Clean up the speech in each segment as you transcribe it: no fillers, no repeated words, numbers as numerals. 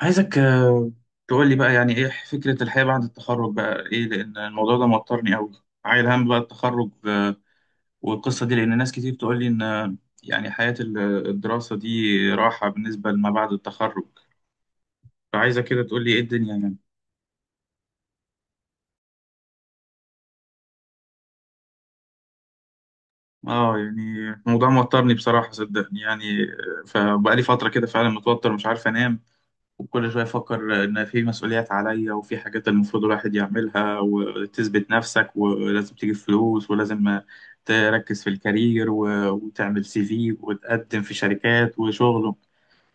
عايزك تقول لي بقى يعني ايه فكرة الحياة بعد التخرج بقى ايه لان الموضوع ده موترني قوي. عايل هم بقى التخرج، والقصة دي لان ناس كتير تقول لي ان يعني حياة الدراسة دي راحة بالنسبة لما بعد التخرج، فعايزك كده تقول لي ايه الدنيا يعني. اه يعني الموضوع موترني بصراحة صدقني يعني، فبقى لي فترة كده فعلا متوتر مش عارف انام. وكل شوية أفكر إن في مسؤوليات عليا وفي حاجات المفروض الواحد يعملها وتثبت نفسك، ولازم تجيب فلوس، ولازم تركز في الكارير وتعمل سي في وتقدم في شركات وشغل.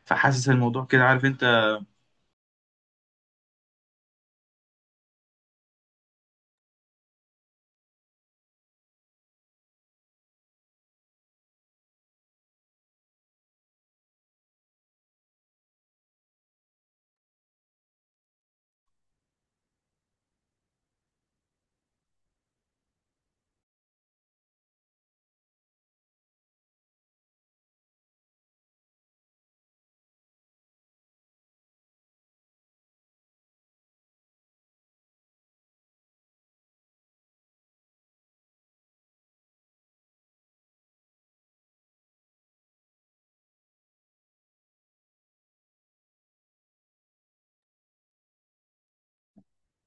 فحاسس الموضوع كده، عارف أنت؟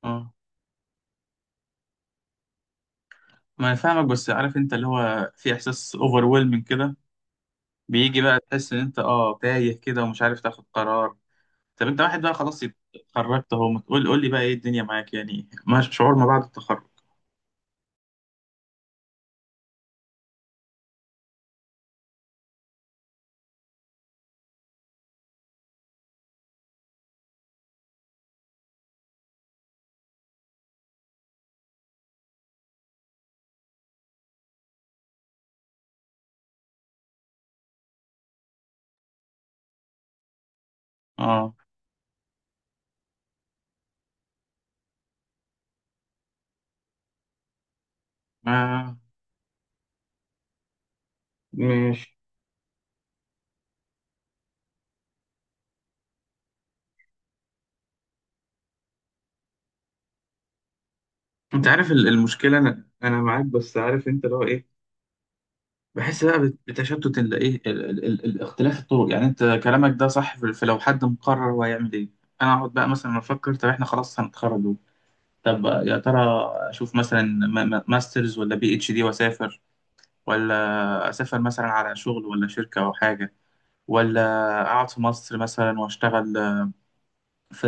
آه، ما أنا فاهمك، بس عارف أنت اللي هو في إحساس أوفرويلمنج كده، بيجي بقى تحس إن أنت تايه كده ومش عارف تاخد قرار. طب أنت واحد بقى خلاص اتخرجت أهو، ما تقول قول لي بقى إيه الدنيا معاك يعني، ما شعور ما بعد التخرج. أه ما- مش انت عارف المشكله، انا معاك، بس عارف انت اللي هو ايه؟ بحس بقى بتشتت ال- ايه ال- ال- ال- الاختلاف الطرق. يعني انت كلامك ده صح في في لو حد مقرر هو هيعمل ايه. انا اقعد بقى مثلا افكر، طب احنا خلاص هنتخرج اهو. طب يا ترى اشوف مثلا ماسترز ولا بي اتش دي واسافر، ولا اسافر مثلا على شغل ولا شركه او حاجه، ولا اقعد في مصر مثلا واشتغل في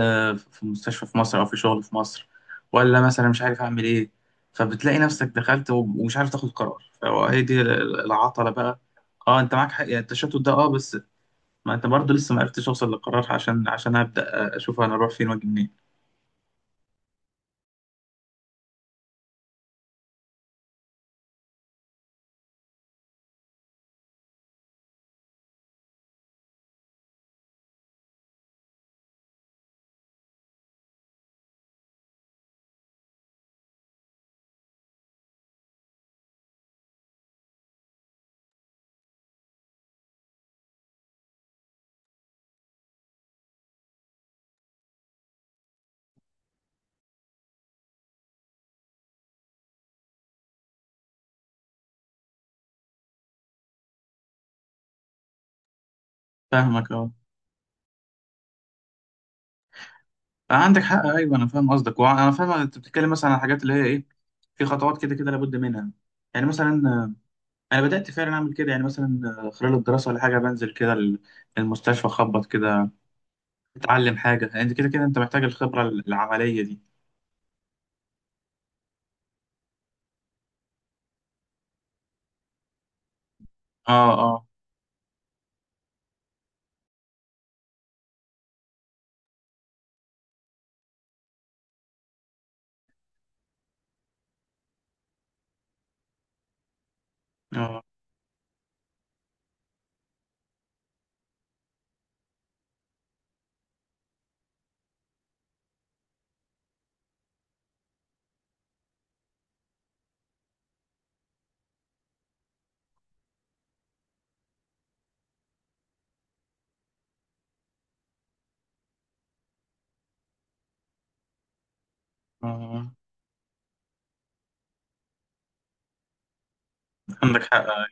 في مستشفى في مصر او في شغل في مصر، ولا مثلا مش عارف اعمل ايه. فبتلاقي نفسك دخلت ومش عارف تاخد قرار، فهي دي العطلة بقى. اه انت معاك حق، يعني التشتت ده اه، بس ما انت برضه لسه ما عرفتش اوصل للقرار، عشان عشان ابدا اشوف انا اروح فين واجي منين. فاهمك اه. عندك حق، ايوه انا فاهم قصدك، وانا فاهم انت بتتكلم مثلا عن الحاجات اللي هي ايه، في خطوات كده كده لابد منها. يعني مثلا، انا بدات فعلا اعمل كده يعني. مثلا خلال الدراسه ولا حاجه بنزل كده المستشفى اخبط كده، تتعلم حاجة. يعني انت كده كده انت محتاج الخبرة العملية دي. اه، اه، اه، اه، آه. عندك حق.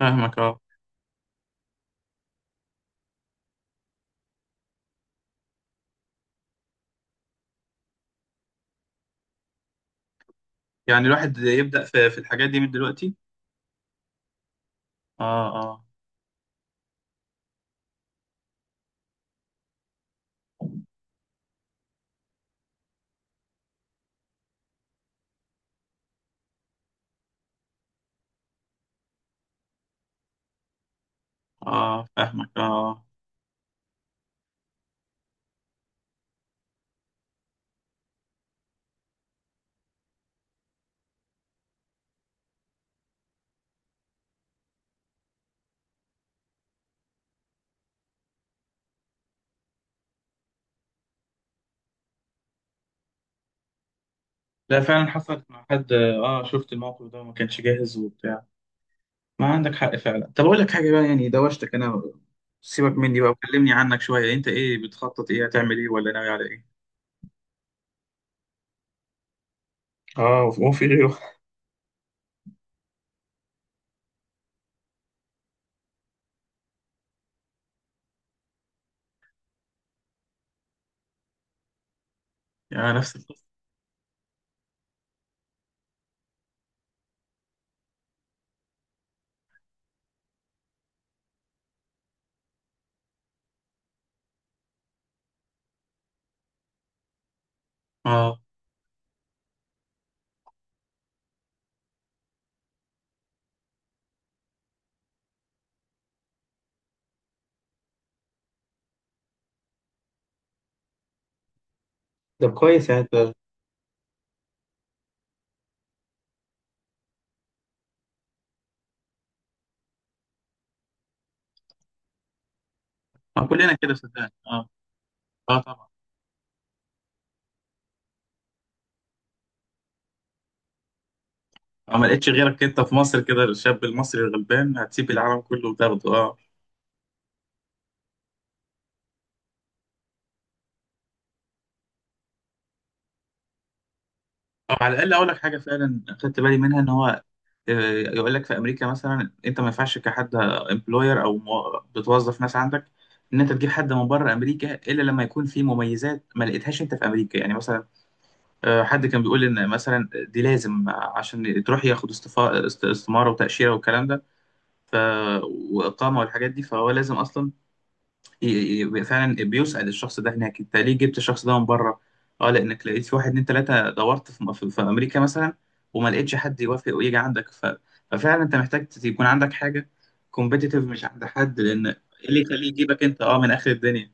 فاهمك اه. يعني الواحد يبدأ في الحاجات دي من دلوقتي. اه، اه، اه، فاهمك اه آه. لا فعلا حصلت مع حد، اه شفت الموقف ده وما كانش جاهز وبتاع. ما عندك حق فعلا. طب اقول لك حاجة بقى، يعني دوشتك انا، سيبك مني بقى وكلمني عنك شوية. انت ايه بتخطط، ايه هتعمل، ايه ولا ناوي على ايه؟ اه هو في غيره؟ يعني نفس القصة. اه طب كويس يعني انت. كلنا كده صدقني اه. اه طبعا. اه ما لقيتش غيرك انت في مصر كده، الشاب المصري الغلبان هتسيب العالم كله وتاخده اه. او على الاقل اقول لك حاجه فعلا خدت بالي منها، ان هو يقول لك في امريكا مثلا انت ما ينفعش كحد امبلوير او بتوظف ناس عندك، ان انت تجيب حد من بره امريكا الا لما يكون في مميزات ما لقيتهاش انت في امريكا. يعني مثلا حد كان بيقول ان مثلا دي لازم عشان تروح ياخد استماره وتاشيره والكلام ده، ف... واقامه والحاجات دي. فهو لازم اصلا يبقى فعلا بيسأل الشخص ده هناك انت ليه جبت الشخص ده من بره. اه لانك لقيت في واحد اتنين تلاته، دورت في امريكا مثلا وما لقيتش حد يوافق ويجي عندك ف... ففعلا انت محتاج يكون عندك حاجه كومبيتيتيف مش عند حد، لان ايه اللي يخليه يجيبك انت اه من اخر الدنيا.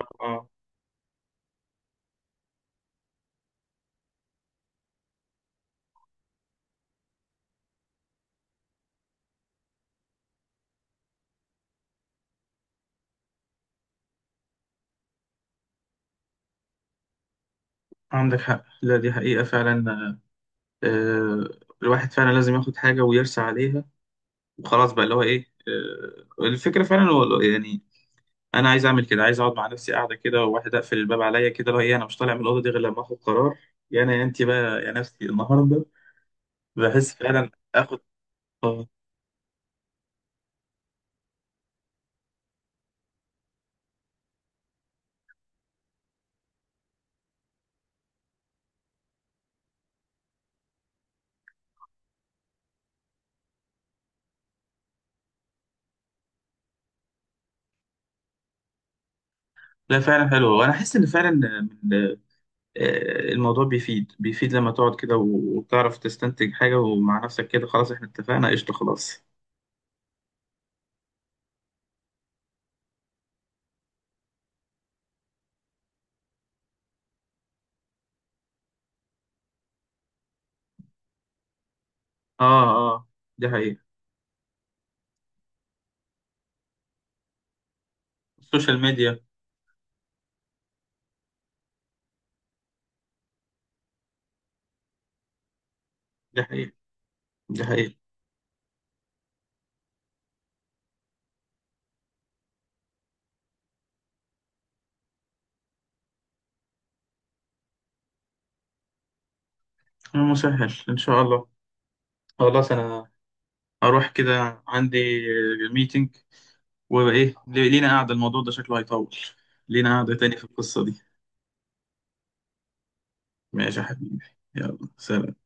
اه عندك حق، لا دي حقيقه فعلا. آه، الواحد فعلا لازم ياخد حاجه ويرسى عليها وخلاص بقى، اللي هو ايه. آه الفكره فعلا يعني انا عايز اعمل كده، عايز اقعد مع نفسي قاعده كده وواحد، اقفل الباب عليا كده لو ايه، انا مش طالع من الاوضه دي غير لما اخد قرار. يا انا يا انت بقى يا نفسي النهارده. بحس فعلا اخد، آه، لا فعلا حلو. وانا احس ان فعلا من- الموضوع بيفيد، بيفيد لما تقعد كده وتعرف تستنتج حاجه ومع نفسك كده. خلاص احنا اتفقنا، قشطه خلاص. اه، اه دي حقيقه. السوشيال ميديا. دي حقيقه، دي حقيقه. مسهل ان شاء الله. خلاص انا هروح كده، عندي ميتنج. وايه لينا قاعده، الموضوع ده شكله هيطول. لينا قاعده تاني في القصه دي. ماشي يا حبيبي، يلا سلام.